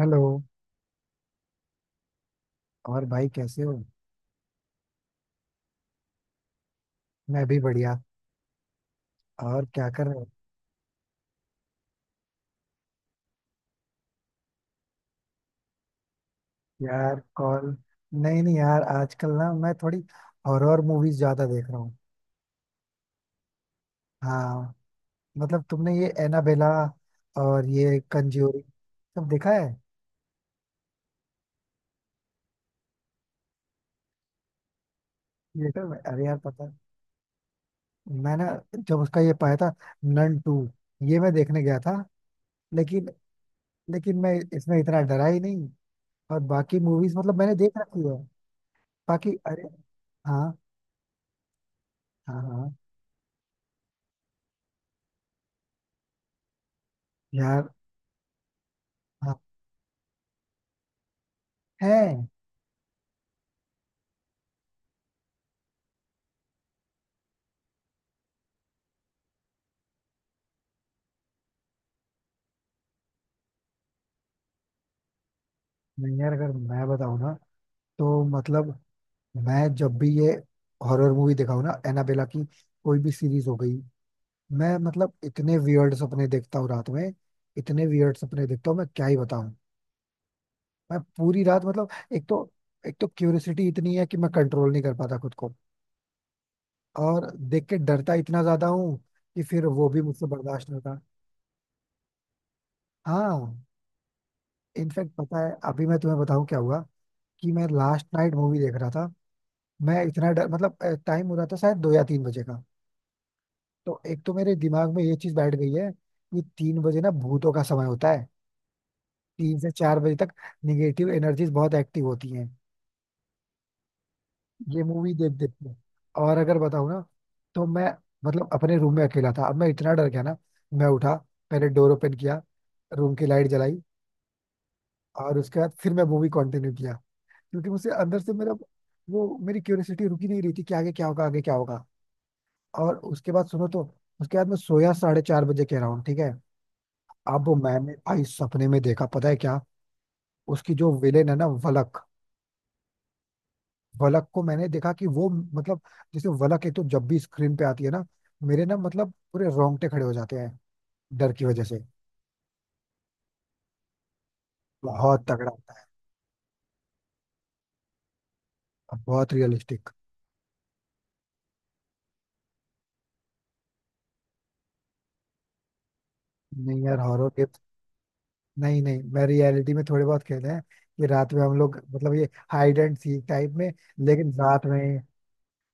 Hello. और भाई कैसे हो? मैं भी बढ़िया। और क्या कर रहे हो? यार कॉल। नहीं, नहीं, यार आजकल ना मैं थोड़ी हॉरर मूवीज ज्यादा देख रहा हूँ। हाँ। मतलब तुमने ये एनाबेला और ये कंज्यूरिंग सब देखा है। थिएटर में, अरे यार, पता है, मैंने जब उसका ये पाया था, नन टू, ये मैं देखने गया था लेकिन लेकिन मैं इसमें इतना डरा ही नहीं। और बाकी मूवीज मतलब मैंने देख रखी है। बाकी, अरे। हाँ, हाँ, हाँ यार, हाँ, है। नहीं यार, अगर मैं बताऊँ ना तो मतलब मैं जब भी ये हॉरर मूवी देखा हूं ना, एनाबेला की, कोई भी सीरीज हो गई, मैं मतलब इतने वियर्ड सपने देखता हूँ रात में। इतने वियर्ड सपने देखता हूँ, मैं क्या ही बताऊँ। मैं पूरी रात मतलब एक तो एक तो क्यूरियोसिटी इतनी है कि मैं कंट्रोल नहीं कर पाता खुद को। और देख के डरता इतना ज्यादा हूँ कि फिर वो भी मुझसे बर्दाश्त नहीं होता। हाँ। इनफैक्ट पता है, अभी मैं तुम्हें बताऊँ क्या हुआ? कि मैं लास्ट नाइट मूवी देख रहा था, मैं इतना डर, मतलब टाइम हो रहा था शायद 2 या 3 बजे का। तो एक तो मेरे दिमाग में ये चीज बैठ गई है कि 3 बजे ना भूतों का समय होता है। 3 से 4 बजे तक निगेटिव एनर्जीज बहुत एक्टिव होती हैं। ये मूवी देख देख के, और अगर बताऊँ ना, तो मैं मतलब अपने रूम में अकेला था, अब मैं इतना डर गया ना, मैं उठा, पहले डोर ओपन किया, रूम की लाइट जलाई, और उसके बाद फिर मैं मूवी कंटिन्यू किया, क्योंकि मुझे अंदर से मेरा वो, मेरी क्यूरियोसिटी रुकी नहीं रही थी कि आगे क्या होगा, आगे क्या होगा। और उसके बाद सुनो तो, उसके बाद मैं सोया 4:30 बजे, कह रहा हूँ, ठीक है। अब मैंने भाई सपने में देखा, पता है क्या? उसकी जो विलेन है ना, वलक, वलक को मैंने देखा कि वो मतलब, जैसे वलक, एक तो जब भी स्क्रीन पे आती है ना, मेरे ना मतलब पूरे रोंगटे खड़े हो जाते हैं डर की वजह से। बहुत तगड़ा होता है और बहुत रियलिस्टिक। नहीं यार हॉरर गेम, नहीं, नहीं, मैं रियलिटी में थोड़े बहुत खेले हैं कि रात में हम लोग मतलब ये हाइड एंड सीक टाइप में, लेकिन रात में।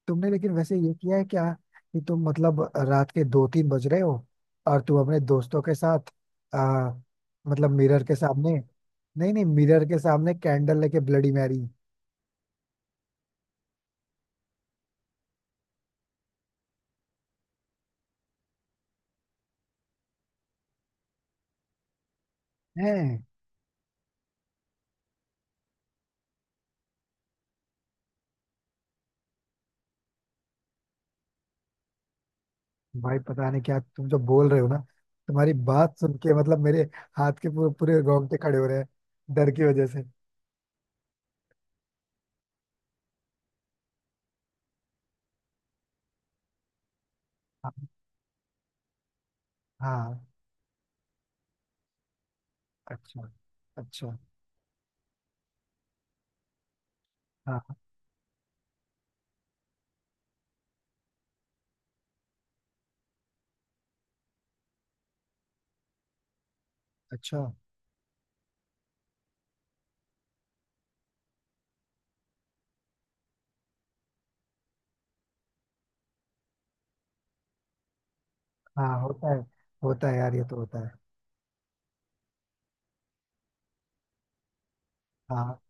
तुमने लेकिन वैसे ये किया है क्या कि तुम मतलब, रात के 2-3 बज रहे हो और तुम अपने दोस्तों के साथ आ, मतलब मिरर के सामने, नहीं, नहीं, मिरर के सामने कैंडल लेके ब्लडी मैरी? हैं? भाई पता नहीं क्या तुम जो बोल रहे हो ना, तुम्हारी बात सुन के मतलब मेरे हाथ के पूरे पूरे रोंगटे खड़े हो रहे हैं डर की वजह से। हाँ, हाँ, अच्छा, अच्छा, हाँ, अच्छा, हाँ। होता है, होता है यार, ये तो होता है। हाँ,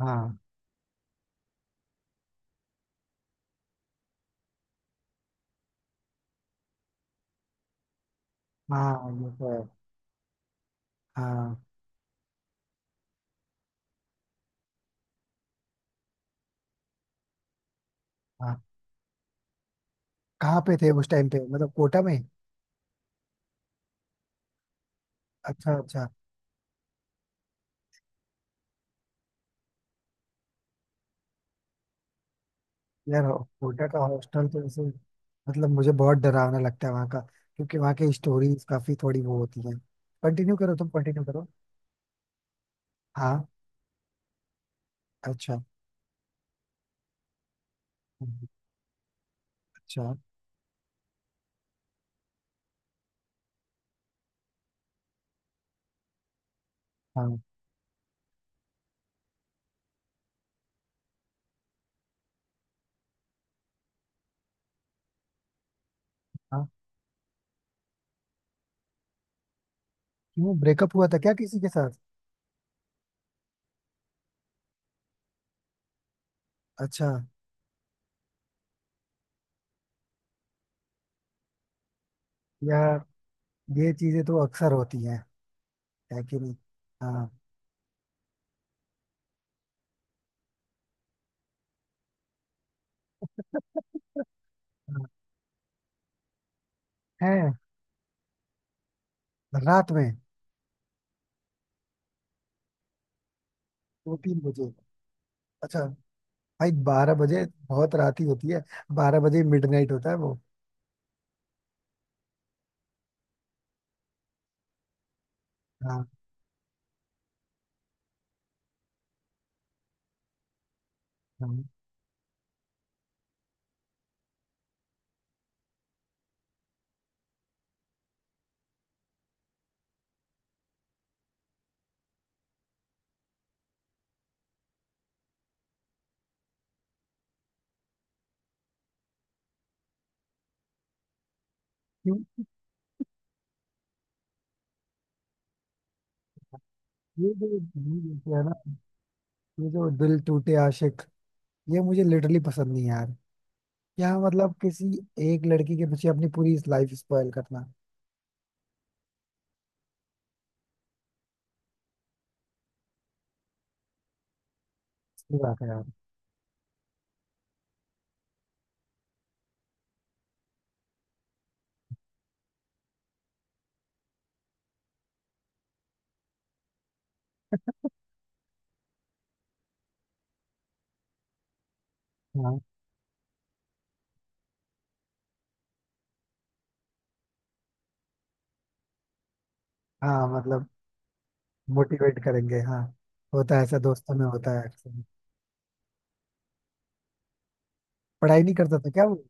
हाँ, हाँ, ये तो है। हाँ, हाँ, कहाँ पे थे उस टाइम पे, मतलब कोटा में? अच्छा, अच्छा। यार कोटा का हॉस्टल तो ऐसे, मतलब मुझे बहुत डरावना लगता है वहाँ का, क्योंकि वहाँ की स्टोरीज काफी थोड़ी वो होती हैं। कंटिन्यू करो, तुम कंटिन्यू करो। हाँ, अच्छा, अच्छा, हाँ, हाँ, क्यों? ब्रेकअप हुआ था क्या किसी के साथ? अच्छा। यार ये चीजें तो अक्सर होती हैं, है कि नहीं? हाँ, हाँ, हैं। रात में? 2-3 बजे? अच्छा। भाई 12 बजे बहुत रात ही होती है। 12 बजे मिडनाइट होता है वो। हाँ। हाँ, क्यों? ये जो गाने बोलते हैं ना, ये जो दिल टूटे आशिक, ये मुझे लिटरली पसंद नहीं है यार। यहाँ मतलब किसी एक लड़की के पीछे अपनी पूरी लाइफ स्पॉइल करना। सही बात है यार। हाँ, हाँ, मतलब मोटिवेट करेंगे, हाँ। होता है, ऐसा दोस्तों में होता है अक्सर। पढ़ाई नहीं करता था क्या वो?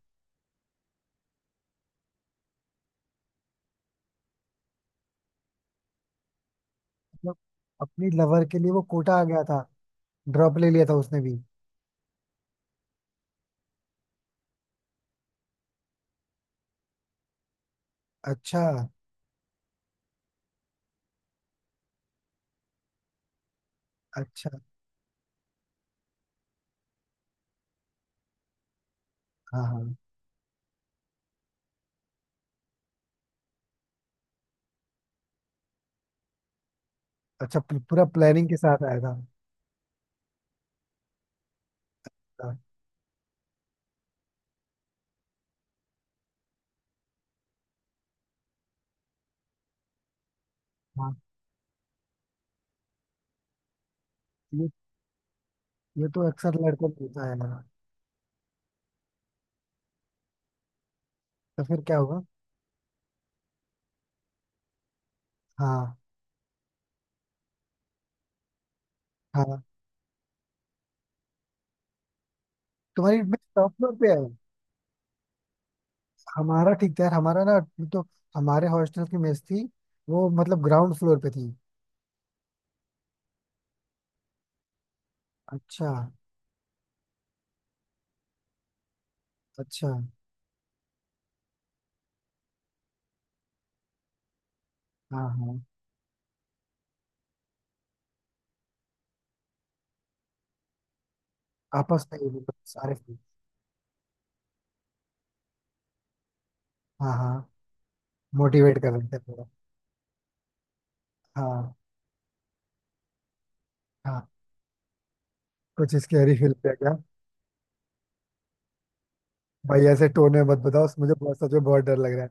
मतलब अपनी लवर के लिए वो कोटा आ गया था? ड्रॉप ले लिया था उसने भी? अच्छा, अच्छा, हाँ, हाँ, अच्छा, पूरा प्लानिंग के साथ आया था। हाँ, ये ये तो अक्सर लड़कों में होता है यार। तो फिर क्या होगा? हाँ, हाँ, तुम्हारी मेस टॉप फ्लोर पे है? हमारा ठीक था यार, हमारा ना, तो हमारे हॉस्टल की मेस थी वो मतलब ग्राउंड फ्लोर पे थी। अच्छा, अच्छा, हाँ, हाँ, आपस में ही मतलब सारे? हाँ, हाँ, मोटिवेट कर रहे थे पूरा, हाँ, हाँ, कुछ स्कैरी फील किया क्या? भाई ऐसे टोन में मत बताओ, मुझे बहुत, सच में बहुत डर लग रहा है।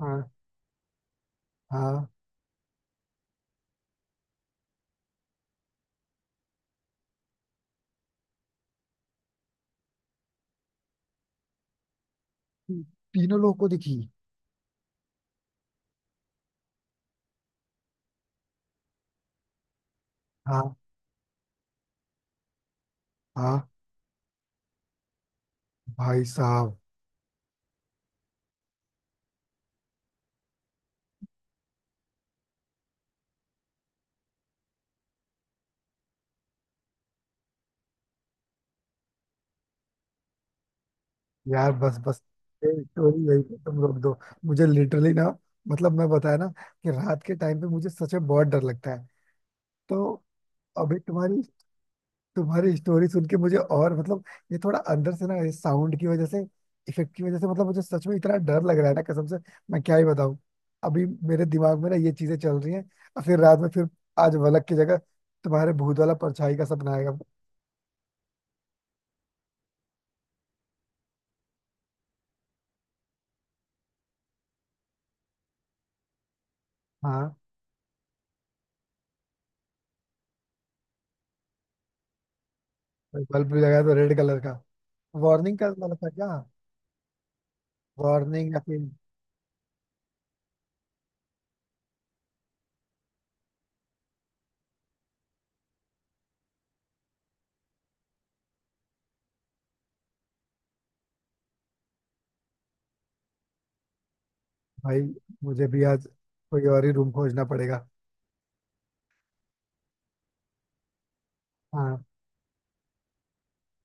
हाँ, हाँ, तीनों लोगों को दिखी? हाँ, हाँ, भाई साहब, यार बस बस, ये स्टोरी यही पे तुम रोक दो। मुझे लिटरली ना, मतलब मैं बताया ना कि रात के टाइम पे मुझे सच में बहुत डर लगता है, तो अभी तुम्हारी तुम्हारी स्टोरी सुन के मुझे और मतलब, ये थोड़ा अंदर से ना, ये साउंड की वजह से, इफेक्ट की वजह से, मतलब मुझे सच में इतना डर लग रहा है ना, कसम से। मैं क्या ही बताऊं। अभी मेरे दिमाग में ना ये चीजें चल रही हैं, और फिर रात में फिर आज वलक की जगह तुम्हारे भूत वाला परछाई का सपना आएगा। हाँ। बल्ब भी लगाया तो रेड कलर का, वार्निंग का वाला था क्या? वार्निंग, या फिर भाई मुझे भी आज कोई और ही रूम खोजना पड़ेगा। हाँ,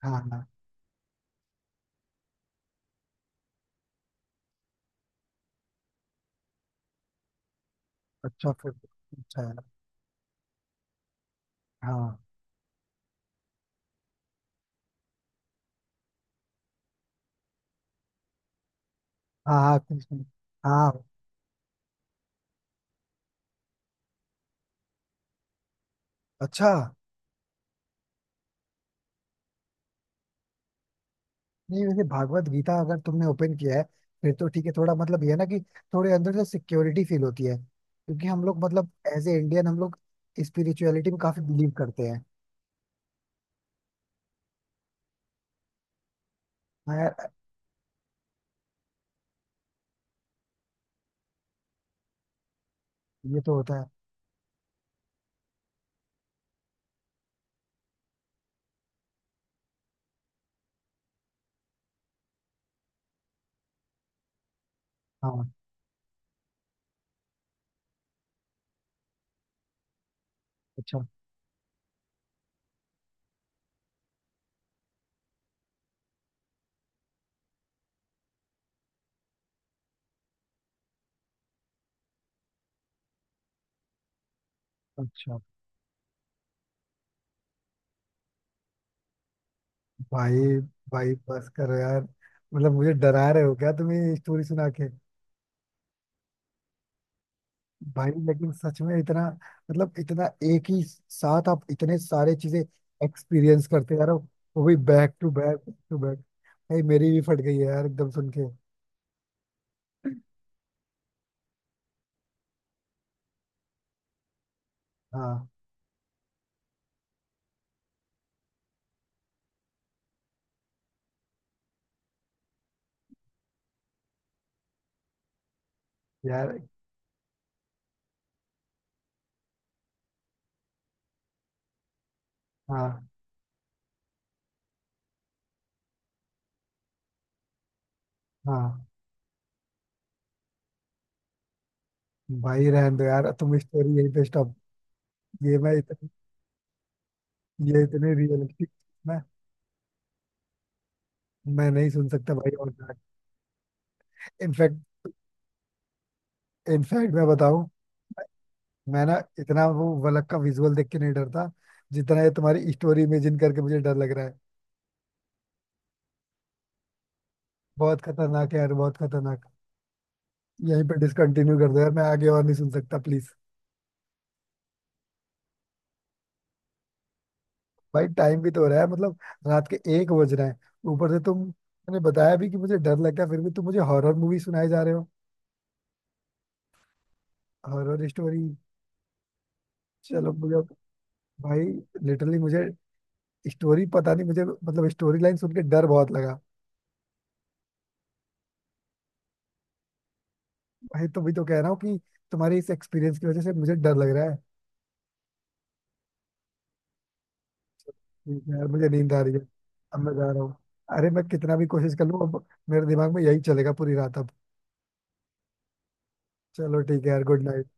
हाँ, हाँ, अच्छा, फिर? अच्छा है। हाँ, हाँ, हाँ कृष्ण, हाँ, अच्छा। नहीं वैसे भागवत गीता अगर तुमने ओपन किया है, फिर तो ठीक है, थोड़ा मतलब ये है ना कि थोड़े अंदर से सिक्योरिटी फील होती है, क्योंकि हम लोग मतलब एज ए इंडियन, हम लोग स्पिरिचुअलिटी में काफी बिलीव करते हैं। हाँ यार, ये तो होता है। हाँ, अच्छा, अच्छा, भाई, भाई बस करो यार, मतलब मुझे डरा रहे हो क्या तुम ये स्टोरी सुना के? भाई लेकिन सच में इतना, मतलब इतना एक ही साथ आप इतने सारे चीजें एक्सपीरियंस करते जा रहे हो, वो भी back to back to back. भाई मेरी भी फट गई है यार, एकदम सुन के। हाँ यार, हाँ, हाँ, भाई रहने दो यार, तुम स्टोरी यहीं पे स्टॉप। ये मैं इतने, ये इतने रियलिस्टिक, मैं मैं नहीं सुन सकता भाई और। इनफैक्ट इनफैक्ट मैं बताऊं, मैं ना इतना वो वलक का विजुअल देख के नहीं डरता जितना ये तुम्हारी स्टोरी इमेजिन करके मुझे डर लग रहा है। बहुत खतरनाक है यार, बहुत खतरनाक। यहीं पे डिसकंटिन्यू कर दो यार, मैं आगे और नहीं सुन सकता प्लीज। भाई टाइम भी तो हो रहा है मतलब, रात के 1 बज रहे हैं। ऊपर से तुम, मैंने बताया भी कि मुझे डर लगता है, फिर भी तुम मुझे हॉरर मूवी सुनाए जा रहे हो। Horror story. चलो मुझे, भाई, लिटरली मुझे स्टोरी, पता नहीं मुझे मतलब स्टोरी लाइन सुन के डर बहुत लगा। भाई तो भी तो कह रहा हूँ कि तुम्हारी इस एक्सपीरियंस की वजह से मुझे डर लग रहा है। ठीक है यार, मुझे नींद आ रही है, अब मैं जा रहा हूँ। अरे मैं कितना भी कोशिश कर लूँ, अब मेरे दिमाग में यही चलेगा पूरी रात अब। चलो ठीक है यार, गुड नाइट।